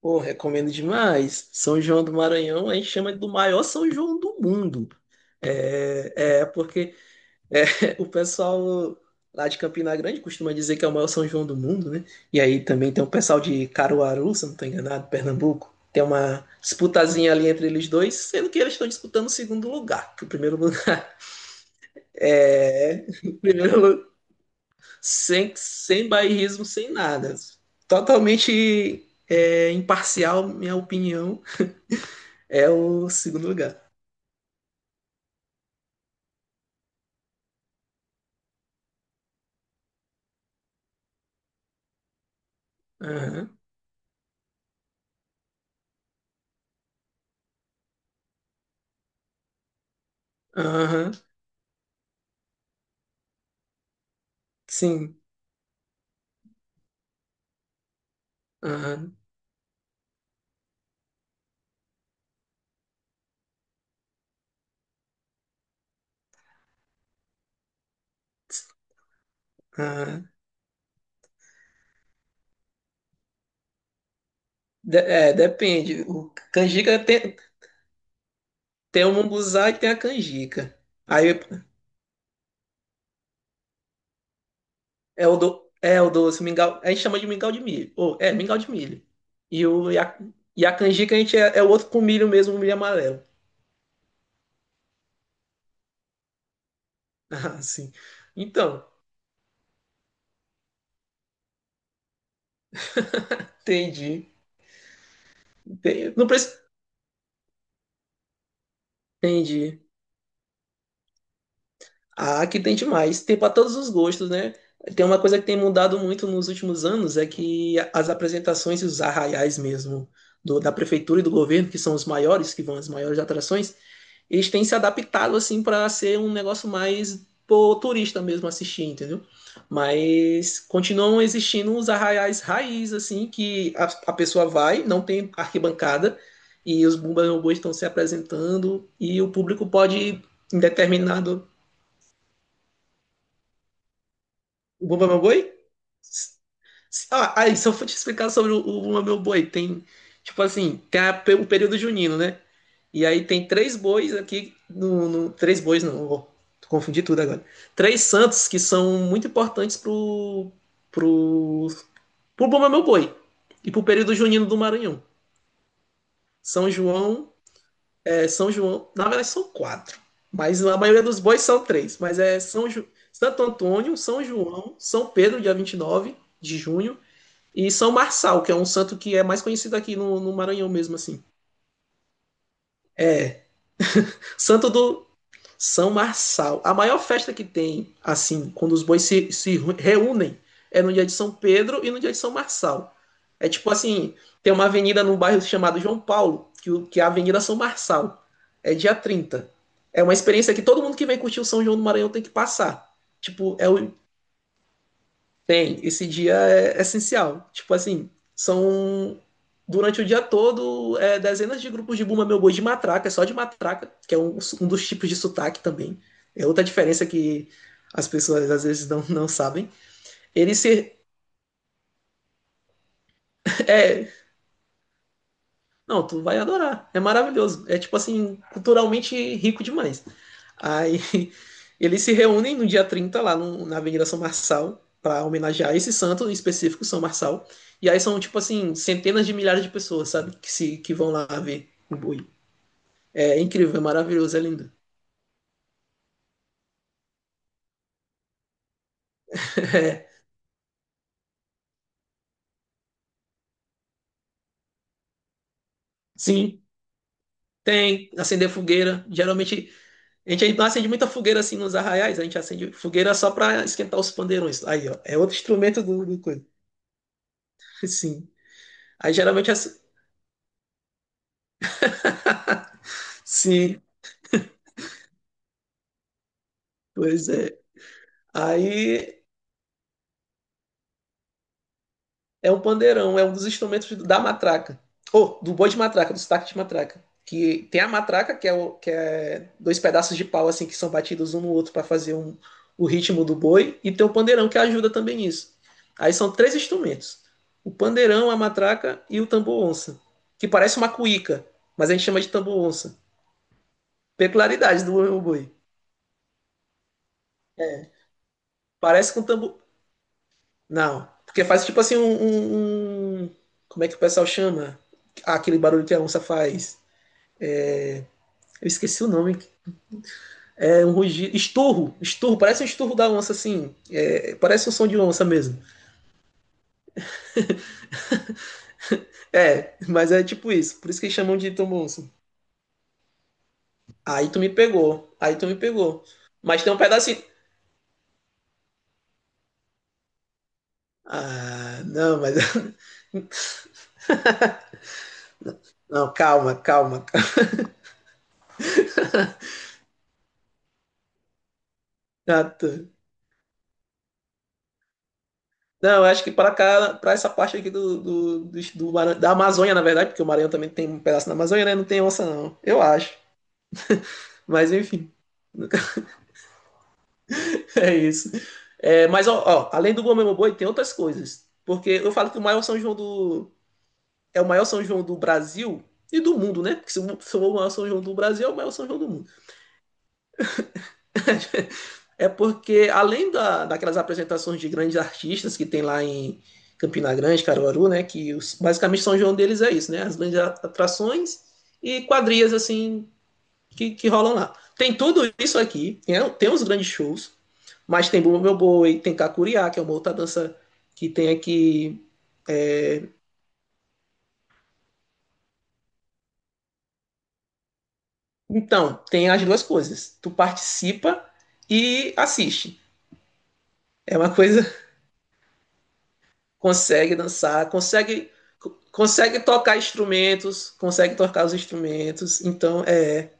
Pô, recomendo demais. São João do Maranhão, a gente chama do maior São João do mundo. É porque é, o pessoal lá de Campina Grande costuma dizer que é o maior São João do mundo, né? E aí também tem o pessoal de Caruaru, se eu não estou enganado, Pernambuco. Tem uma disputazinha ali entre eles dois, sendo que eles estão disputando o segundo lugar. Que o primeiro lugar é. o Primeiro, lu- sem bairrismo, sem nada. Totalmente imparcial, minha opinião. É o segundo lugar. Aham, aham, sim, aham, aham. É, depende. O canjica tem tem o munguzá e tem a canjica. Aí é o doce, mingau. A gente chama de mingau de milho. Ou, mingau de milho. E, o, e, a, e a canjica a gente é o outro com milho mesmo, o milho amarelo. Ah, sim. Então, entendi. Entendi. Não precisa. Entendi. Ah, que tem demais. Tem para todos os gostos, né? Tem uma coisa que tem mudado muito nos últimos anos é que as apresentações e os arraiais mesmo da prefeitura e do governo, que são os maiores, que vão as maiores atrações, eles têm se adaptado assim para ser um negócio mais pro turista mesmo assistir, entendeu? Mas continuam existindo os arraiais raiz assim que a pessoa vai, não tem arquibancada e os bumba-meu-boi estão se apresentando e o público pode em determinado. O Bumba Meu Boi? Ah, aí, só eu te explicar sobre o Bumba Meu Boi, tem, tipo assim, tem o período junino, né? E aí tem três bois aqui, três bois não, ó, confundi tudo agora. Três santos que são muito importantes pro, pro Bumba Meu Boi e pro período junino do Maranhão. São João, na verdade são quatro, mas a maioria dos bois são três, mas é Santo Antônio, São João, São Pedro, dia 29 de junho, e São Marçal, que é um santo que é mais conhecido aqui no Maranhão mesmo, assim. É, santo do São Marçal. A maior festa que tem, assim, quando os bois se reúnem, é no dia de São Pedro e no dia de São Marçal. É tipo assim, tem uma avenida no bairro chamado João Paulo, que é a Avenida São Marçal. É dia 30. É uma experiência que todo mundo que vem curtir o São João do Maranhão tem que passar. Tipo, esse dia é essencial. Tipo assim, são durante o dia todo dezenas de grupos de Bumba Meu Boi de matraca, é só de matraca, que é um dos tipos de sotaque também. É outra diferença que as pessoas às vezes não sabem. Ele se. É, não, tu vai adorar. É maravilhoso. É tipo assim, culturalmente rico demais. Aí eles se reúnem no dia 30 lá na Avenida São Marçal para homenagear esse santo em específico, São Marçal. E aí são, tipo assim, centenas de milhares de pessoas, sabe? Que, se, que vão lá ver o boi. É incrível, é maravilhoso, é lindo. É, sim, tem. Acender fogueira. Geralmente, a gente não acende muita fogueira assim nos arraiais, a gente acende fogueira só para esquentar os pandeirões. Aí, ó, é outro instrumento do coisa. Sim. Aí, geralmente. Sim, pois é. Aí, é um pandeirão, é um dos instrumentos da matraca. Ou do boi de matraca, do sotaque de matraca. Que tem a matraca, que é dois pedaços de pau assim que são batidos um no outro para fazer o ritmo do boi, e tem o pandeirão que ajuda também nisso. Aí são três instrumentos: o pandeirão, a matraca e o tambor onça, que parece uma cuíca, mas a gente chama de tambor onça. Peculiaridade do boi. Parece com tambor. Não, porque faz tipo assim um. Como é que o pessoal chama? Aquele barulho que a onça faz. Eu esqueci o nome. É um rugido. Estorro. Estorro. Parece um estorro da onça, assim. É, parece um som de onça mesmo. É, mas é tipo isso. Por isso que eles chamam de tomonça. Aí tu me pegou. Aí tu me pegou. Mas tem um pedacinho. Ah, não, mas. Não, calma, calma. Calma. Não, eu acho que para cá, para essa parte aqui do da Amazônia, na verdade, porque o Maranhão também tem um pedaço da Amazônia, né? Não tem onça, não. Eu acho. Mas enfim. É isso. É, mas, ó, além do Gomes Boi, tem outras coisas. Porque eu falo que o maior São João do. É o maior São João do Brasil e do mundo, né? Porque se o maior São João do Brasil, é o maior São João do mundo. É porque, além daquelas apresentações de grandes artistas que tem lá em Campina Grande, Caruaru, né? Que basicamente São João deles é isso, né? As grandes atrações e quadrilhas, assim, que rolam lá. Tem tudo isso aqui, né? Tem os grandes shows. Mas tem Bumba Meu Boi, tem Kakuriá, que é uma outra dança que tem aqui. Então, tem as duas coisas. Tu participa e assiste. É uma coisa, consegue dançar, consegue tocar instrumentos, consegue tocar os instrumentos. Então,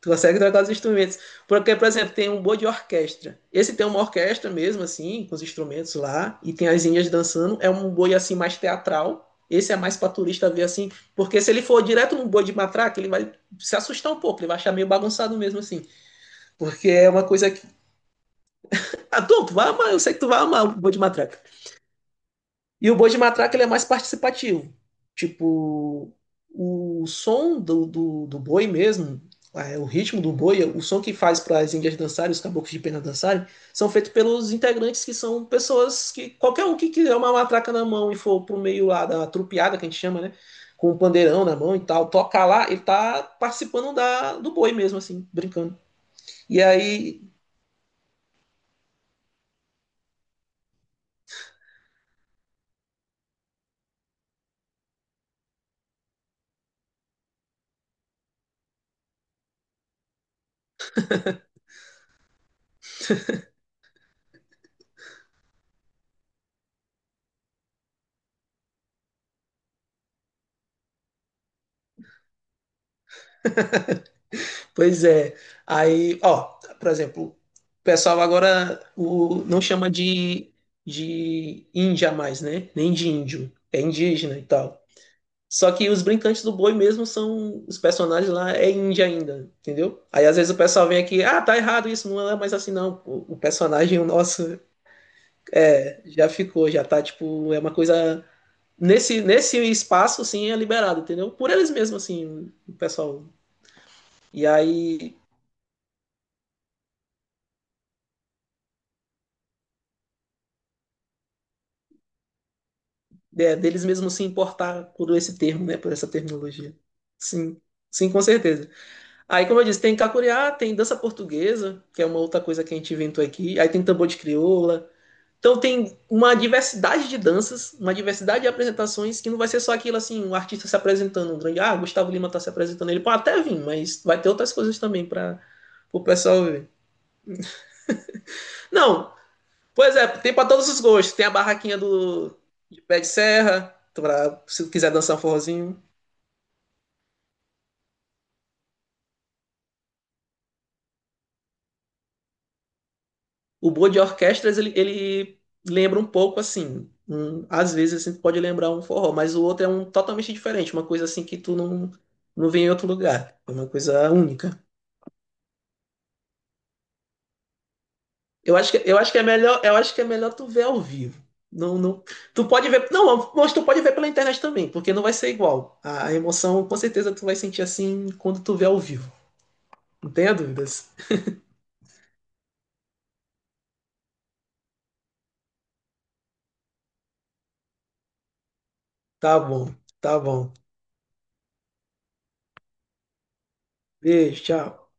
tu consegue tocar os instrumentos. Porque, por exemplo, tem um boi de orquestra. Esse tem uma orquestra mesmo, assim, com os instrumentos lá, e tem as índias dançando. É um boi, assim, mais teatral. Esse é mais pra turista ver, assim, porque se ele for direto num boi de matraca, ele vai se assustar um pouco, ele vai achar meio bagunçado mesmo, assim. Porque é uma coisa que... Ah, tu vai amar, eu sei que tu vai amar o boi de matraca. E o boi de matraca ele é mais participativo. Tipo, o som do boi mesmo, o ritmo do boi, o som que faz para as índias dançarem, os caboclos de pena dançarem, são feitos pelos integrantes que são pessoas que qualquer um que quiser uma matraca na mão e for pro meio lá da trupeada que a gente chama, né? Com o pandeirão na mão e tal, tocar lá, ele tá participando do boi mesmo, assim, brincando. E aí, pois é. Aí, ó, por exemplo, o pessoal agora não chama de índia mais, né? Nem de índio. É indígena e tal. Só que os brincantes do boi mesmo são. Os personagens lá é índia ainda, entendeu? Aí às vezes o pessoal vem aqui, ah, tá errado isso, não é mais assim não. O personagem o nosso já ficou, já tá tipo. É uma coisa. Nesse espaço, assim, é liberado, entendeu? Por eles mesmos, assim, o pessoal. E aí deles mesmos se importar por esse termo, né, por essa terminologia. Sim, sim, com certeza. Aí, como eu disse, tem cacuriá, tem dança portuguesa, que é uma outra coisa que a gente inventou aqui. Aí tem tambor de crioula. Então tem uma diversidade de danças, uma diversidade de apresentações, que não vai ser só aquilo assim, um artista se apresentando, um grande, ah, Gustavo Lima tá se apresentando, ele pode até vir, mas vai ter outras coisas também para o pessoal ver. Não, pois é, tem para todos os gostos. Tem a barraquinha do de pé de serra, pra, se quiser dançar um forrozinho. O boa de orquestras, ele lembra um pouco assim. Às vezes assim, tu pode lembrar um forró, mas o outro é um totalmente diferente, uma coisa assim que tu não vê em outro lugar. É uma coisa única. Eu acho que é melhor, eu acho que é melhor tu ver ao vivo. Não, não, tu pode ver, não, mas tu pode ver pela internet também, porque não vai ser igual. A emoção, com certeza, tu vai sentir assim quando tu vê ao vivo. Não tenha dúvidas. Tá bom, tá bom. Beijo, tchau.